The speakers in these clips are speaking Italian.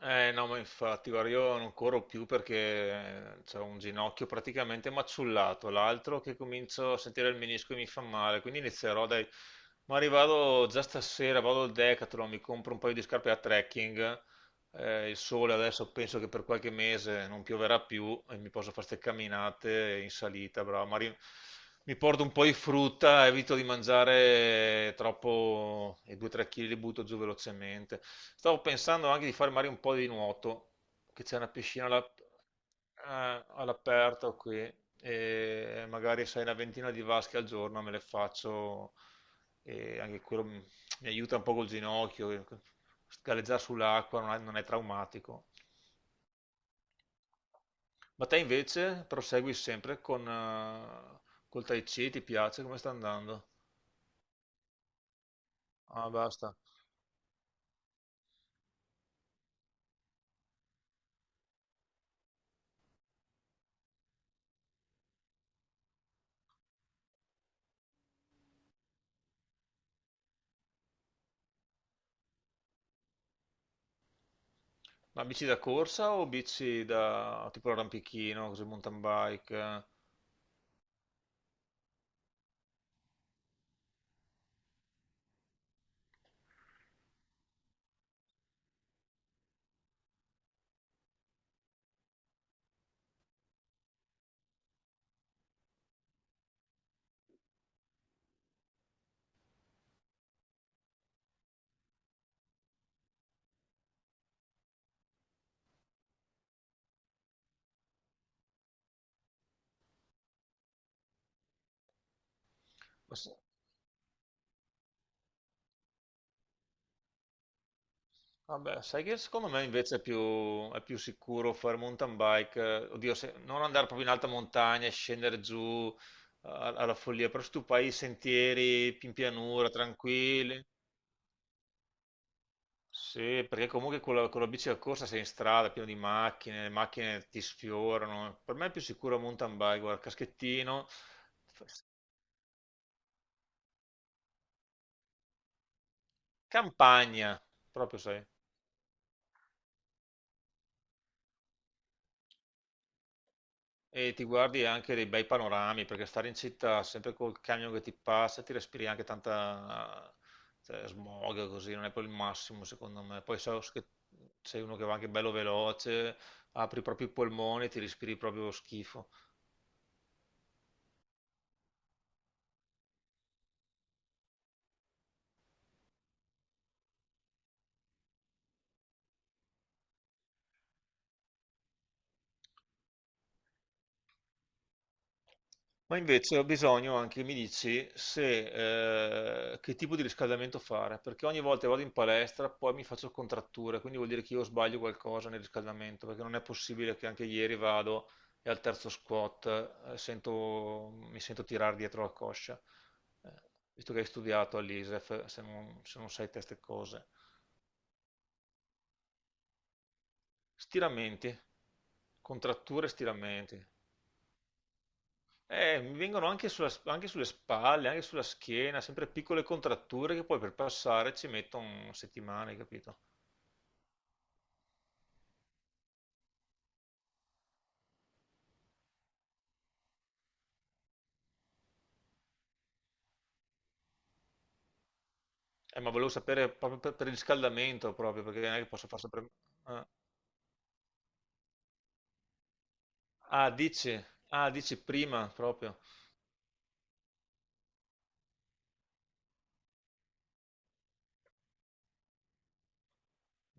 Eh no, ma infatti, guarda, io non corro più perché ho un ginocchio praticamente maciullato, l'altro che comincio a sentire il menisco e mi fa male, quindi inizierò dai. Ma arrivado già stasera, vado al Decathlon, mi compro un paio di scarpe a trekking. Il sole adesso penso che per qualche mese non pioverà più e mi posso fare queste camminate in salita, bravo. Mi porto un po' di frutta, evito di mangiare troppo e 2-3 kg li butto giù velocemente. Stavo pensando anche di fare magari un po' di nuoto, che c'è una piscina all'aperto qui e magari sai una ventina di vasche al giorno me le faccio e anche quello mi aiuta un po' col ginocchio. Galleggiare sull'acqua non è traumatico. Ma te invece prosegui sempre con col Tai Chi, ti piace? Come sta andando? Ah, basta. Ma bici da corsa o bici da tipo arrampichino, così mountain bike? Eh? S- Vabbè, sai che secondo me invece è più sicuro fare mountain bike, oddio, non andare proprio in alta montagna e scendere giù alla follia, però se tu fai i sentieri in pianura, tranquilli. Sì, perché comunque con la bici da corsa sei in strada, pieno di macchine, le macchine ti sfiorano. Per me è più sicuro un mountain bike, guarda, caschettino, campagna, proprio sai. E ti guardi anche dei bei panorami, perché stare in città sempre col camion che ti passa, ti respiri anche tanta, cioè, smog così, non è poi il massimo secondo me. Poi so che sei uno che va anche bello veloce, apri proprio i polmoni, ti respiri proprio schifo. Ma invece ho bisogno anche, mi dici, se, che tipo di riscaldamento fare, perché ogni volta che vado in palestra poi mi faccio contratture, quindi vuol dire che io sbaglio qualcosa nel riscaldamento, perché non è possibile che anche ieri vado e al terzo squat mi sento tirare dietro la coscia, Eh, Visto che hai studiato all'ISEF, se non sai queste cose. Stiramenti, contratture e stiramenti. Mi vengono anche, anche sulle spalle, anche sulla schiena, sempre piccole contratture che poi per passare ci mettono settimane, capito? Ma volevo sapere proprio per il riscaldamento, proprio, perché non è che posso far sempre. Ah, ah, dici, ah, dici prima, proprio.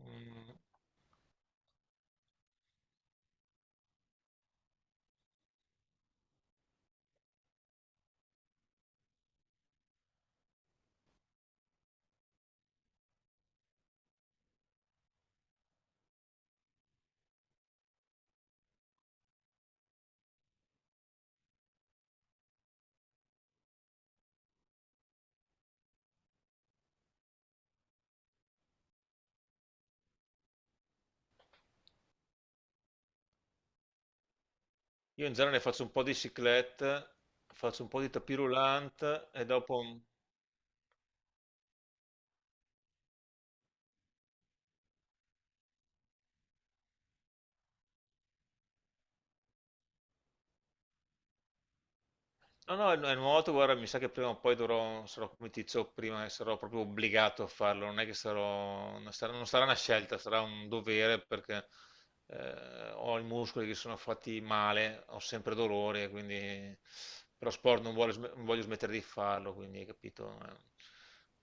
Mm, Io in genere faccio un po' di cyclette, faccio un po' di tapis roulant e dopo. No, no, è nuoto, guarda, mi sa che prima o poi dovrò, sarò come ti dicevo prima, e sarò proprio obbligato a farlo, non è che sarò, non sarà una scelta, sarà un dovere perché ho i muscoli che sono fatti male, ho sempre dolore, quindi però sport non vuole sm- non voglio smettere di farlo, quindi hai capito?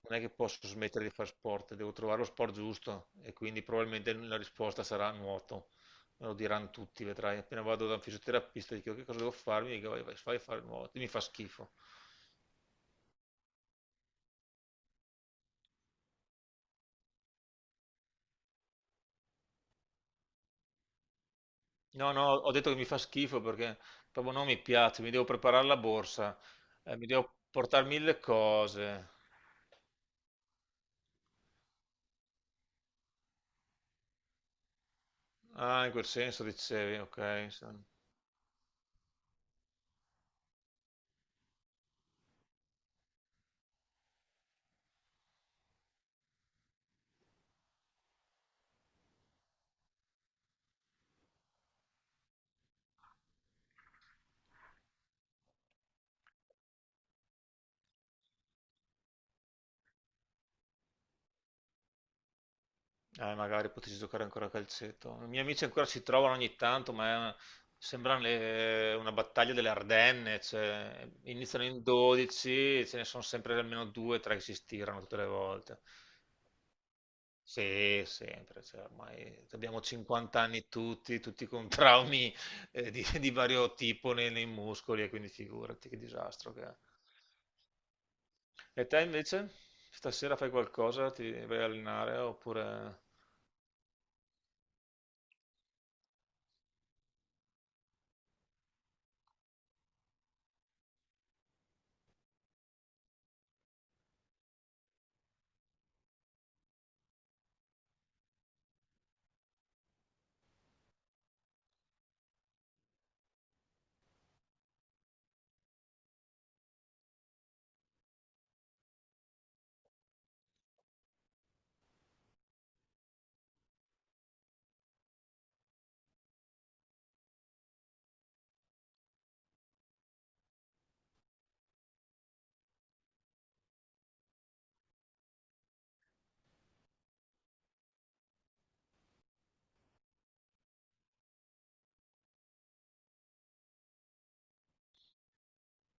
Non è che posso smettere di fare sport, devo trovare lo sport giusto e quindi probabilmente la risposta sarà nuoto. Me lo diranno tutti, vedrai. Appena vado da un fisioterapista e dico che cosa devo farmi, mi dico vai, vai, vai a fare il nuoto. Mi fa schifo. No, no, ho detto che mi fa schifo perché proprio non mi piace, mi devo preparare la borsa, mi devo portare mille cose. Ah, in quel senso dicevi, ok. Magari potessi giocare ancora a calcetto. I miei amici ancora si trovano ogni tanto, ma è sembra una battaglia delle Ardenne. Cioè, iniziano in 12, ce ne sono sempre almeno due o tre che si stirano tutte le volte. Sì, sempre, cioè, ormai abbiamo 50 anni tutti con traumi di vario tipo nei muscoli, e quindi figurati che disastro che è. E te invece? Stasera fai qualcosa? Ti vai a allenare oppure?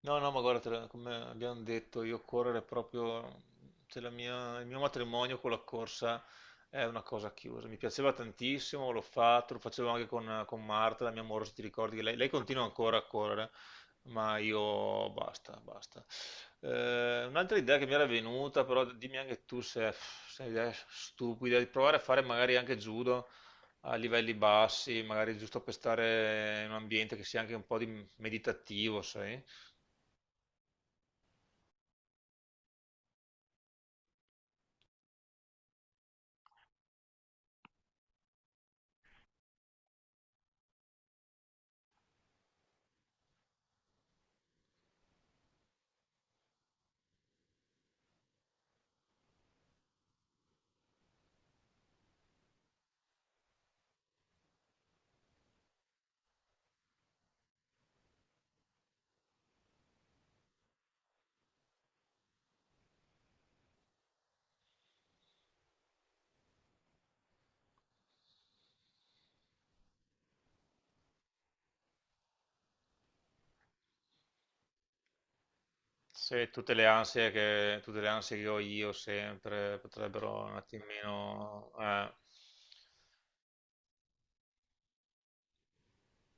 No, no, ma guarda, come abbiamo detto, io correre è proprio, cioè il mio matrimonio con la corsa è una cosa chiusa. Mi piaceva tantissimo, l'ho fatto, lo facevo anche con Marta, la mia amore, se ti ricordi, che lei continua ancora a correre, ma io basta, basta. Un'altra idea che mi era venuta, però dimmi anche tu se è un'idea stupida, di provare a fare magari anche judo a livelli bassi, magari giusto per stare in un ambiente che sia anche un po' di meditativo, sai? Se tutte le ansie che ho io sempre potrebbero un attimino.